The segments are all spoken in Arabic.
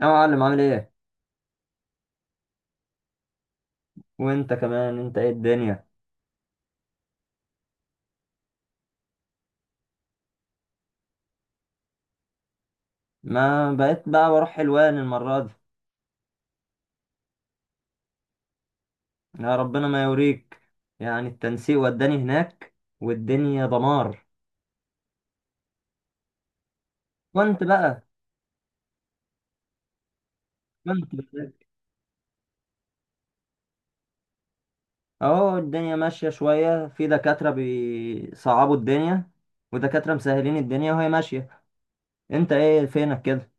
يا معلم، عامل ايه؟ وانت كمان، انت ايه الدنيا؟ ما بقيت بقى بروح حلوان المرة دي. يا ربنا ما يوريك، يعني التنسيق وداني هناك والدنيا دمار. كنت بقى كنت بقى- اهو الدنيا ماشية شوية، في دكاترة بيصعبوا الدنيا ودكاترة مسهلين الدنيا وهي ماشية. انت ايه فينك كده؟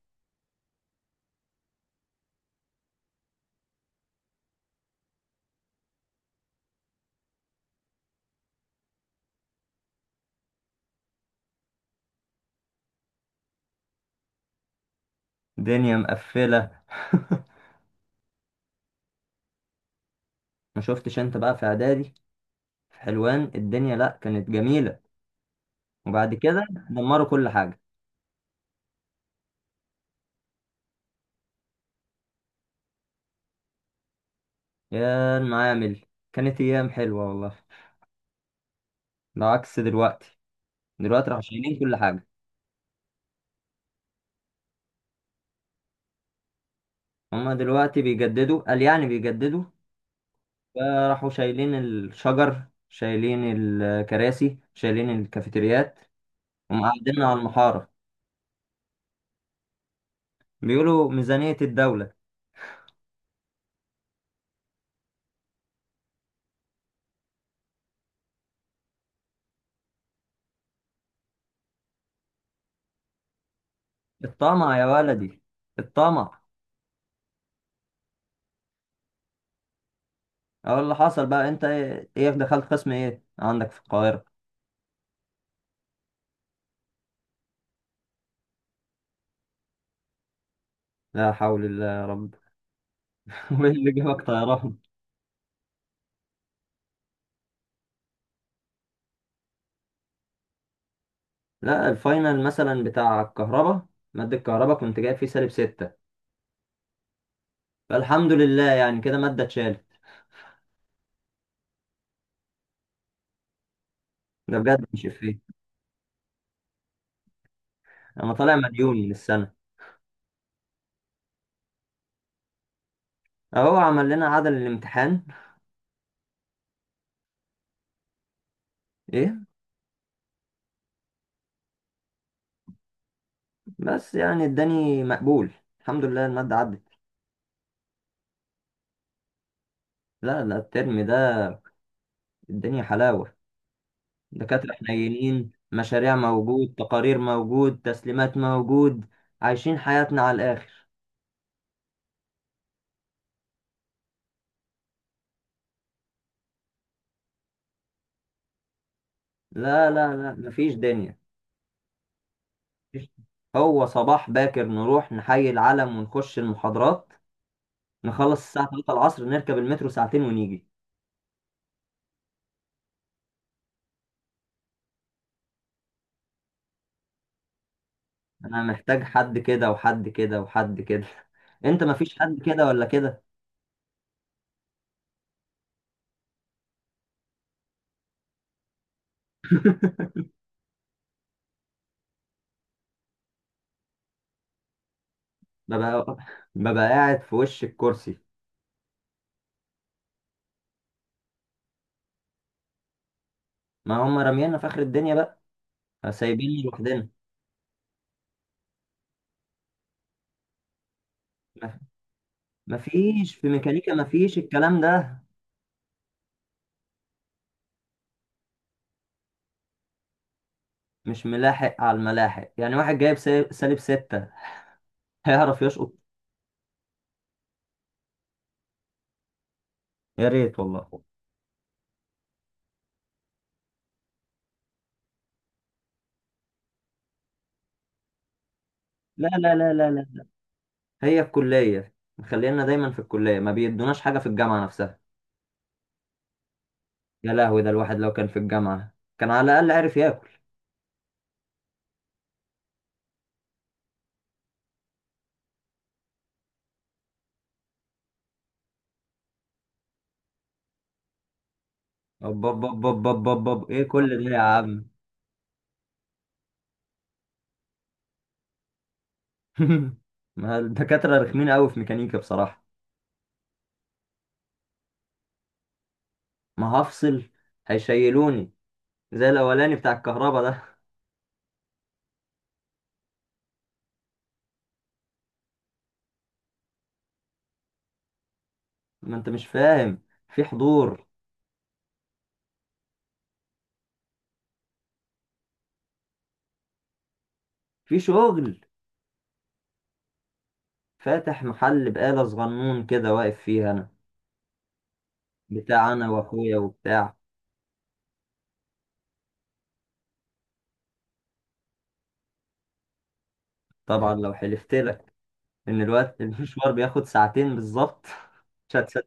الدنيا مقفلة. ما شفتش انت بقى في اعدادي في حلوان الدنيا؟ لا، كانت جميلة وبعد كده دمروا كل حاجة. يا المعامل، كانت ايام حلوه والله، ده عكس دلوقتي. دلوقتي راحوا شايلين كل حاجه. هما دلوقتي بيجددوا، قال يعني بيجددوا، فراحوا شايلين الشجر، شايلين الكراسي، شايلين الكافيتريات ومقعديننا على المحاره. بيقولوا ميزانيه الدوله. الطمع يا ولدي، الطمع. اقول اللي حصل بقى. انت ايه إيه دخلت قسم ايه عندك في القاهره؟ لا حول الله يا رب. وايه اللي جابك طيران؟ لا الفاينل مثلا بتاع الكهرباء، مادة الكهرباء كنت جايب فيه -6، فالحمد لله يعني كده مادة اتشالت. ده بجد مش إفيه، أنا طالع مديون من السنة. أهو عمل لنا عدل الامتحان. إيه؟ بس يعني اداني مقبول، الحمد لله المادة عدت. لا لا، الترم ده الدنيا حلاوة، دكاترة حنينين، مشاريع موجود، تقارير موجود، تسليمات موجود، عايشين حياتنا على الآخر. لا لا لا، مفيش دنيا. هو صباح باكر نروح نحيي العلم ونخش المحاضرات، نخلص الساعة 3 العصر، نركب المترو ساعتين ونيجي. أنا محتاج حد كده وحد كده وحد كده. أنت مفيش حد كده ولا كده. ببقى ببقى قاعد في وش الكرسي. ما هم رميانا في آخر الدنيا بقى، سايبيني لوحدنا. مفيش في ميكانيكا، مفيش الكلام ده. مش ملاحق على الملاحق، يعني واحد جايب -6 هيعرف يشقط؟ يا ريت والله. لا لا لا لا، هي الكلية مخلينا دايما في الكلية، ما بيدوناش حاجة في الجامعة نفسها. يا لهوي، ده الواحد لو كان في الجامعة كان على الأقل عارف ياكل. بب بب بب بب بب بب. ايه كل ده يا عم؟ ما الدكاترة رخمين قوي في ميكانيكا بصراحة. ما هفصل، هيشيلوني زي الأولاني بتاع الكهرباء ده. ما انت مش فاهم، في حضور. في شغل، فاتح محل بقالة صغنون كده واقف فيه أنا، بتاع أنا وأخويا وبتاع. طبعا لو حلفت لك ان الوقت المشوار بياخد ساعتين بالظبط. مش هتصدق،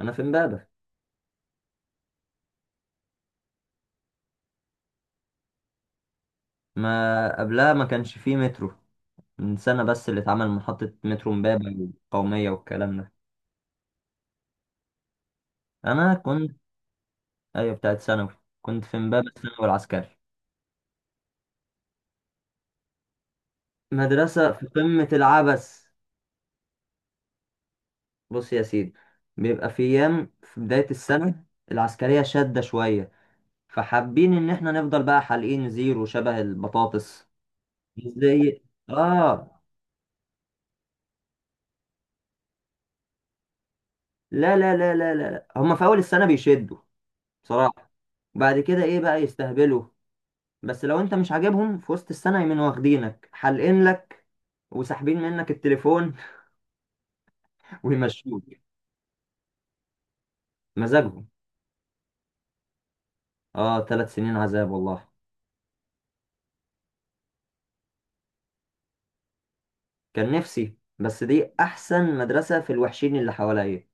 انا في امبابة. ما قبلها ما كانش فيه مترو، من سنة بس اللي اتعمل محطة مترو امبابة والقومية والكلام ده. انا كنت، ايوه بتاعت ثانوي، كنت في امبابة الثانوي العسكري. مدرسة في قمة العبث. بص يا سيدي، بيبقى في ايام في بداية السنة العسكرية شادة شوية، فحابين ان احنا نفضل بقى حالقين زيرو شبه البطاطس زي. اه لا لا لا لا لا لا، هما في اول السنة بيشدوا بصراحة، بعد كده ايه بقى يستهبلوا، بس لو انت مش عاجبهم في وسط السنة يمين واخدينك حالقين لك وساحبين منك التليفون ويمشوك. مزاجهم. اه، 3 سنين عذاب والله. كان نفسي، بس دي احسن مدرسة في الوحشين اللي حواليا.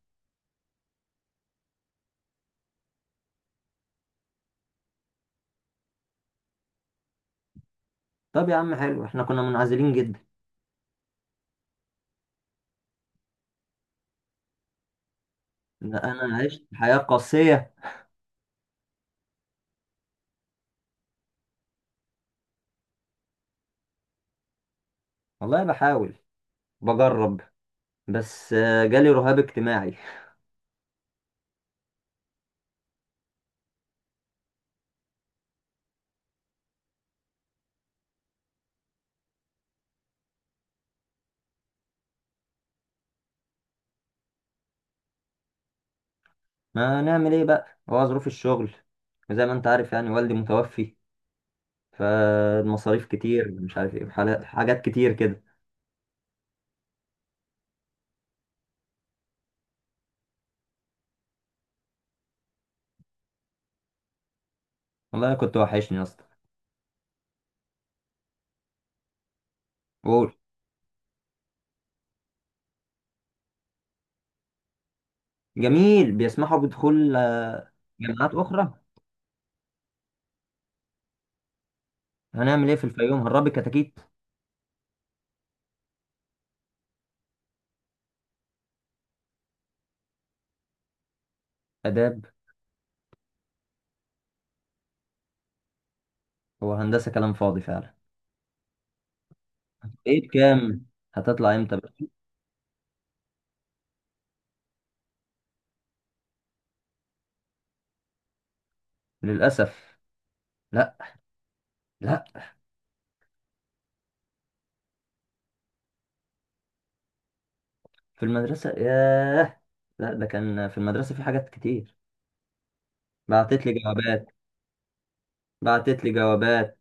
طب يا عم حلو، احنا كنا منعزلين جدا. لا، انا عشت حياة قاسية. والله بحاول، بجرب، بس جالي رهاب اجتماعي. ما نعمل ايه بقى، هو ظروف الشغل وزي ما انت عارف يعني، والدي متوفي فالمصاريف كتير مش عارف ايه، حاجات كتير كده. والله كنت وحشني يا اسطى. قول. جميل، بيسمحوا بدخول جامعات اخرى؟ هنعمل ايه في الفيوم، هنربي كتاكيت؟ اداب؟ هو هندسه كلام فاضي فعلا. ايه بكام؟ هتطلع امتى بقى؟ للاسف لا. لا. في المدرسه ياه، لا ده كان في المدرسه في حاجات كتير. بعتت لي جوابات، بعتت لي جوابات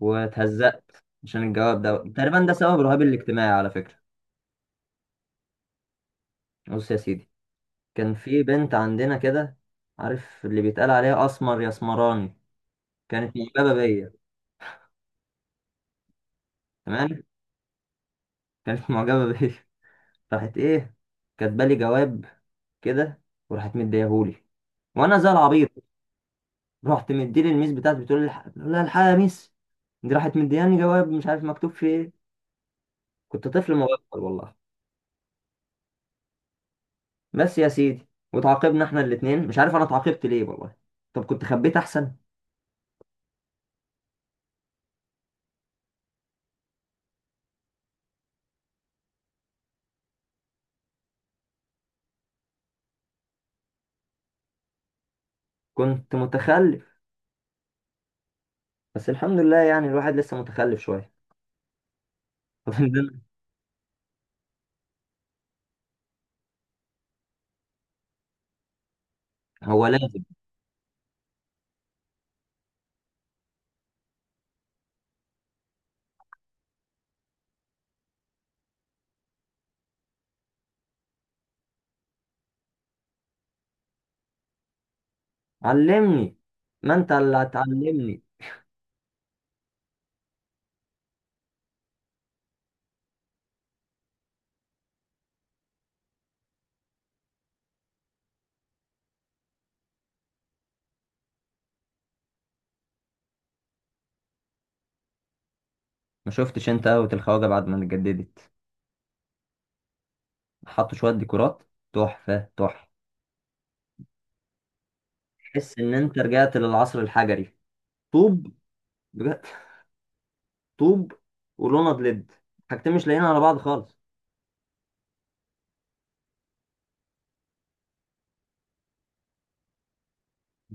واتهزقت عشان الجواب ده، تقريبا ده سبب رهاب الاجتماعي على فكره. بص يا سيدي، كان في بنت عندنا كده، عارف اللي بيتقال عليها اسمر يا اسمراني، كانت معجبة بيا. تمام، كانت معجبة بيا، راحت ايه، كاتبالي جواب كده وراحت مديهولي، وانا زي العبيط رحت مديلي الميس بتاعتي بتقول لي بقول لها الحقيقة يا ميس، دي راحت مدياني جواب مش عارف مكتوب فيه ايه. كنت طفل مغفل والله. بس يا سيدي وتعاقبنا احنا الاتنين، مش عارف انا اتعاقبت ليه والله، طب كنت خبيت احسن. كنت متخلف، بس الحمد لله يعني الواحد لسه متخلف شوية. هو لازم. علمني. ما انت اللي هتعلمني. ما شفتش انت قهوة الخواجة بعد ما اتجددت؟ حطوا شوية ديكورات، تحفة تحفة. تحس ان انت رجعت للعصر الحجري. طوب. بجد، طوب ولوند ليد، حاجتين مش لاقيين على بعض خالص.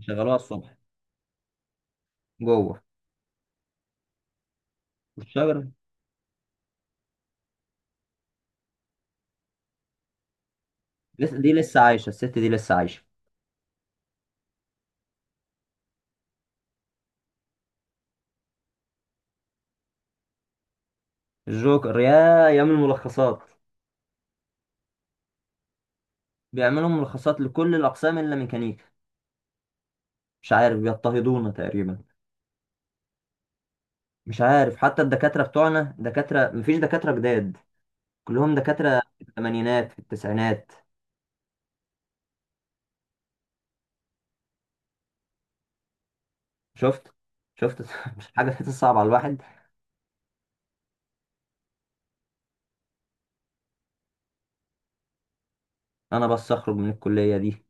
شغلوها الصبح جوه. والشجرة. لسه دي، لسه عايشة الست دي، لسه عايشة. الجوكر، يا ايام الملخصات. بيعملوا ملخصات لكل الاقسام الا ميكانيكا. مش عارف، بيضطهدونا تقريبا. مش عارف، حتى الدكاترة بتوعنا دكاترة، مفيش دكاترة جداد، كلهم دكاترة في الثمانينات في التسعينات. شفت؟ شفت؟ مش حاجة تحس صعبة على الواحد؟ أنا بس أخرج من الكلية دي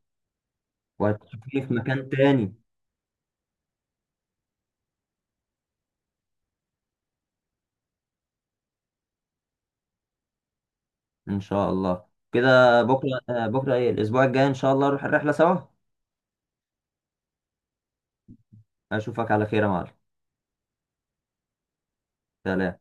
وهتشوفني في مكان تاني إن شاء الله. كده بكرة إيه، الأسبوع الجاي إن شاء الله نروح الرحلة سوا. أشوفك على خير يا معلم. سلام.